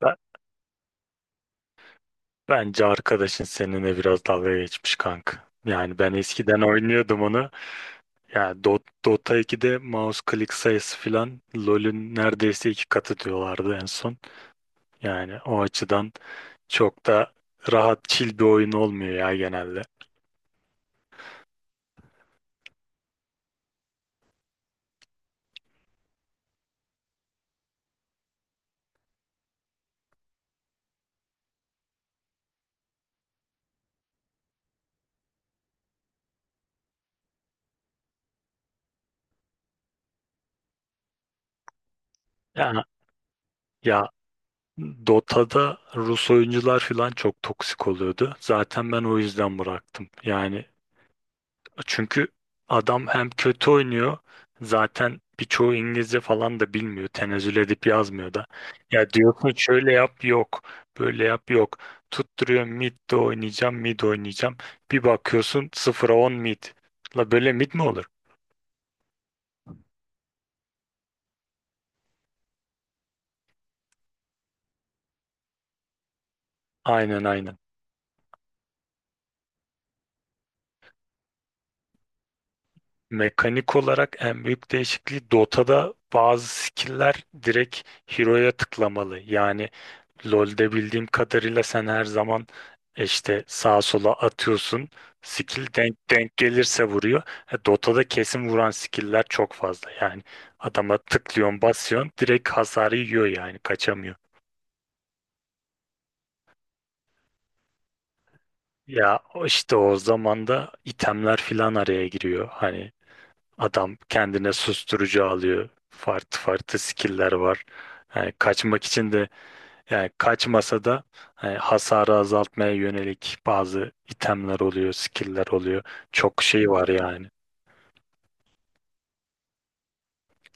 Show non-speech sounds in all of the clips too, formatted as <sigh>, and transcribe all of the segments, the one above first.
Ben, Bence arkadaşın seninle biraz dalga geçmiş kanka. Yani ben eskiden oynuyordum onu. Yani Dota 2'de mouse click sayısı filan LoL'ün neredeyse iki katı diyorlardı en son. Yani o açıdan çok da rahat chill bir oyun olmuyor ya genelde. Ya, ya Dota'da Rus oyuncular filan çok toksik oluyordu. Zaten ben o yüzden bıraktım. Yani çünkü adam hem kötü oynuyor, zaten birçoğu İngilizce falan da bilmiyor. Tenezzül edip yazmıyor da. Ya diyorsun şöyle yap, yok. Böyle yap, yok. Tutturuyor mid de oynayacağım, mid oynayacağım. Bir bakıyorsun 0'a 10 mid. La böyle mid mi olur? Aynen, aynen. Mekanik olarak en büyük değişikliği Dota'da bazı skill'ler direkt hero'ya tıklamalı. Yani LoL'de bildiğim kadarıyla sen her zaman işte sağa sola atıyorsun. Skill denk gelirse vuruyor. Dota'da kesin vuran skill'ler çok fazla. Yani adama tıklıyorsun, basıyorsun, direkt hasarı yiyor, yani kaçamıyor. Ya o işte o zaman da itemler filan araya giriyor. Hani adam kendine susturucu alıyor. Farklı farklı skill'ler var. Yani kaçmak için de. Yani kaçmasa da, hani hasarı azaltmaya yönelik bazı itemler oluyor, skill'ler oluyor. Çok şey var yani.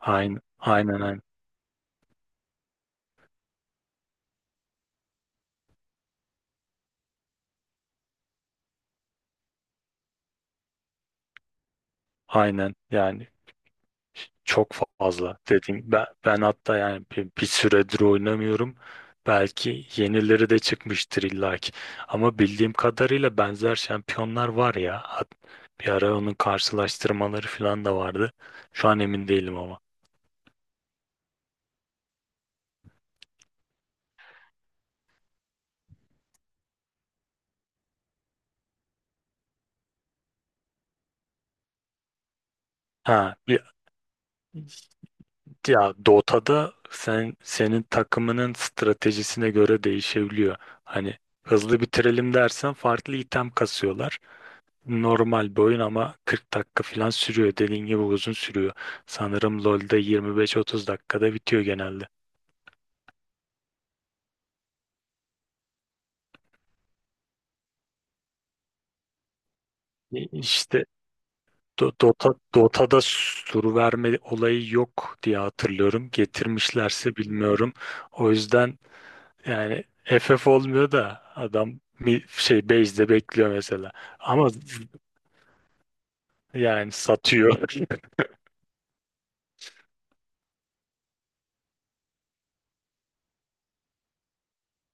Aynen, aynen, aynen. Aynen. Yani çok fazla dediğim. Ben hatta yani bir süredir oynamıyorum. Belki yenileri de çıkmıştır illaki. Ama bildiğim kadarıyla benzer şampiyonlar var ya. Bir ara onun karşılaştırmaları falan da vardı. Şu an emin değilim ama. Ha, bir Ya Dota'da sen senin takımının stratejisine göre değişebiliyor. Hani hızlı bitirelim dersen farklı item kasıyorlar. Normal bir oyun ama 40 dakika falan sürüyor. Dediğin gibi uzun sürüyor. Sanırım LoL'de 25-30 dakikada bitiyor genelde. İşte Dota'da sur verme olayı yok diye hatırlıyorum. Getirmişlerse bilmiyorum. O yüzden yani FF olmuyor da adam şey base'de bekliyor mesela. Ama yani satıyor.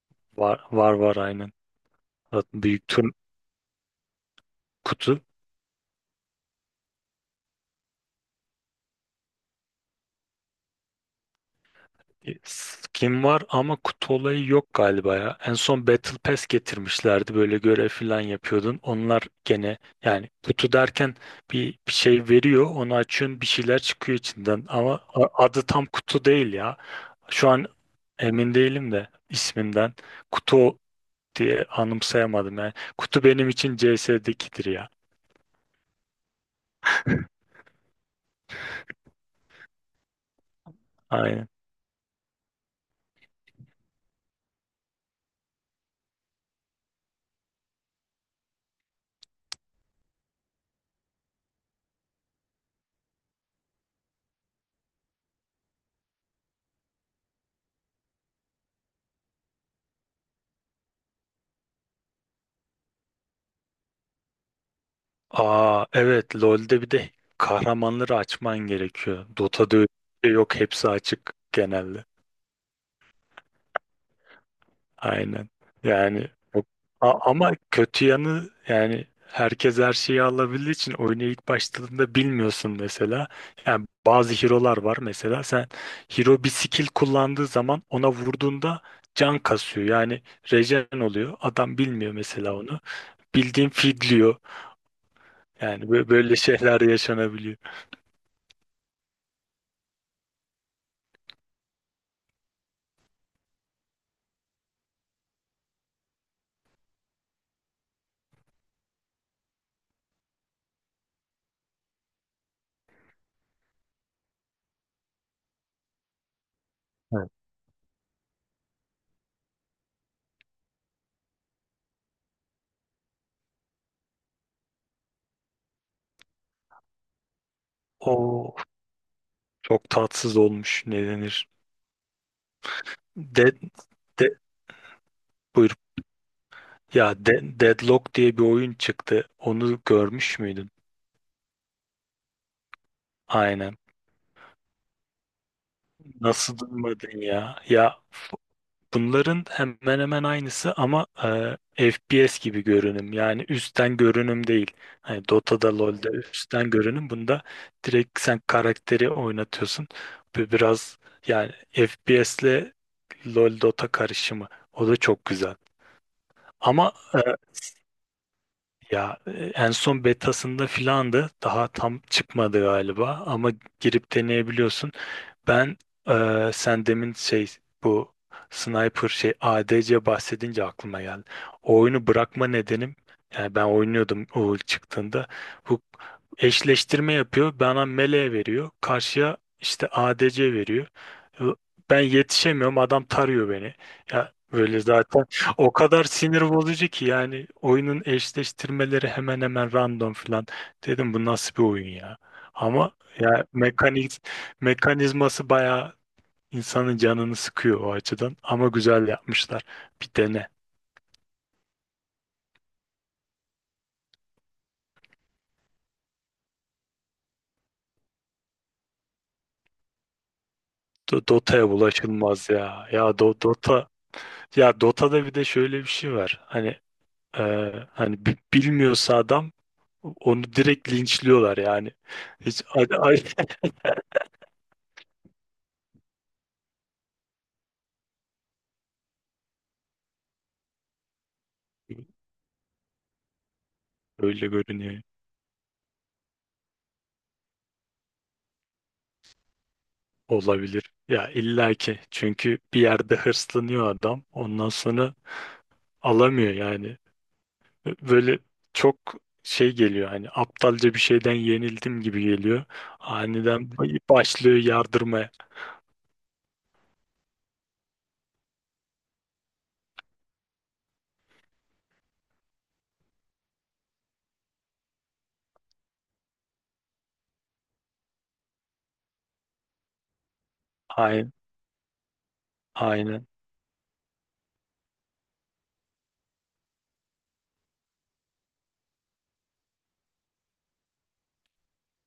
<laughs> Var, var, var, aynen. Zaten büyük tur kutu. Skin var ama kutu olayı yok galiba ya. En son Battle Pass getirmişlerdi. Böyle görev falan yapıyordun. Onlar gene yani kutu derken bir şey veriyor. Onu açıyorsun, bir şeyler çıkıyor içinden. Ama adı tam kutu değil ya. Şu an emin değilim de isminden. Kutu diye anımsayamadım yani. Kutu benim için CS'dekidir ya. <laughs> Aynen. Aa, evet, LoL'de bir de kahramanları açman gerekiyor. Dota'da öyle bir şey yok, hepsi açık genelde. Aynen. Yani o- Ama kötü yanı, yani herkes her şeyi alabildiği için oyuna ilk başladığında bilmiyorsun mesela. Yani bazı hero'lar var, mesela sen hero bir skill kullandığı zaman ona vurduğunda can kasıyor. Yani regen oluyor. Adam bilmiyor mesela onu. Bildiğin fidliyor. Yani böyle şeyler yaşanabiliyor. Evet. O çok tatsız olmuş. Ne denir? Dead, de, Buyur. Ya Deadlock diye bir oyun çıktı. Onu görmüş müydün? Aynen. Nasıl duymadın ya? Ya bunların hemen hemen aynısı ama FPS gibi görünüm, yani üstten görünüm değil. Hani Dota'da, LoL'de üstten görünüm, bunda direkt sen karakteri oynatıyorsun. Bu biraz yani FPS'le LoL Dota karışımı, o da çok güzel. Ama ya en son betasında filandı. Daha tam çıkmadı galiba ama girip deneyebiliyorsun. Ben Sen demin şey, bu sniper şey ADC bahsedince aklıma geldi. O oyunu bırakma nedenim, yani ben oynuyordum o ilk çıktığında. Bu eşleştirme yapıyor. Bana melee veriyor. Karşıya işte ADC veriyor. Ben yetişemiyorum. Adam tarıyor beni. Ya böyle zaten o kadar sinir bozucu ki yani, oyunun eşleştirmeleri hemen hemen random falan. Dedim bu nasıl bir oyun ya? Ama ya mekanizması bayağı insanın canını sıkıyor o açıdan, ama güzel yapmışlar. Bir dene. Dota'ya bulaşılmaz ya. Ya Do- Dota ya Dota'da bir de şöyle bir şey var. E, hani bilmiyorsa adam onu direkt linçliyorlar yani. Hiç a- a- <laughs> Öyle görünüyor. Olabilir. Ya illaki. Çünkü bir yerde hırslanıyor adam. Ondan sonra alamıyor yani. Böyle çok şey geliyor, hani aptalca bir şeyden yenildim gibi geliyor. Aniden başlıyor yardırmaya. Aynen. Aynen.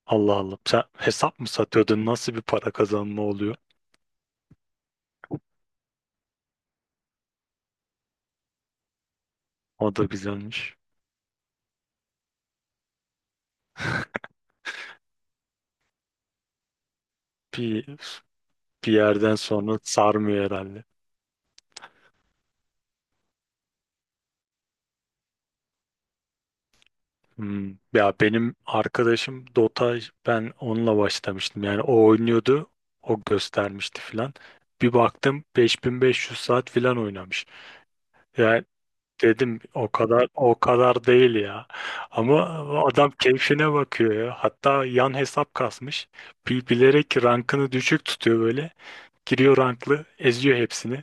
Allah Allah. Sen hesap mı satıyordun? Nasıl bir para kazanma oluyor? O da güzelmiş. Bir, bir yerden sonra sarmıyor herhalde. Ya benim arkadaşım Dota, ben onunla başlamıştım. Yani o oynuyordu. O göstermişti filan. Bir baktım 5500 saat filan oynamış. Yani dedim o kadar o kadar değil ya. Ama adam keyfine bakıyor ya. Hatta yan hesap kasmış. Bilerek rankını düşük tutuyor böyle. Giriyor ranklı, eziyor hepsini.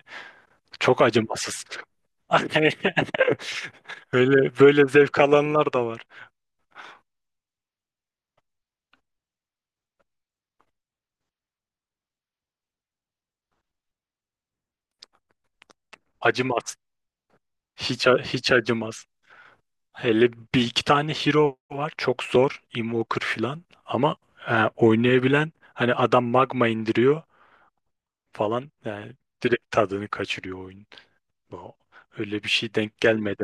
Çok acımasız. <laughs> Öyle böyle zevk alanlar da var. Acımaz. Hiç acımaz. Hele bir iki tane hero var. Çok zor. Invoker falan. Ama oynayabilen hani adam magma indiriyor falan. Yani direkt tadını kaçırıyor oyun. Bu- Öyle bir şey denk gelmedi.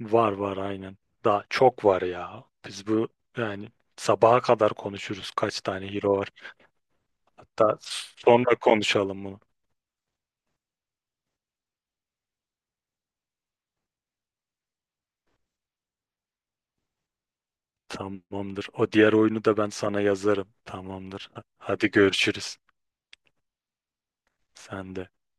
Var, var, aynen. Daha çok var ya. Biz bu yani sabaha kadar konuşuruz kaç tane hero var. Hatta sonra konuşalım bunu. Tamamdır. O diğer oyunu da ben sana yazarım. Tamamdır. Hadi görüşürüz. Sen de.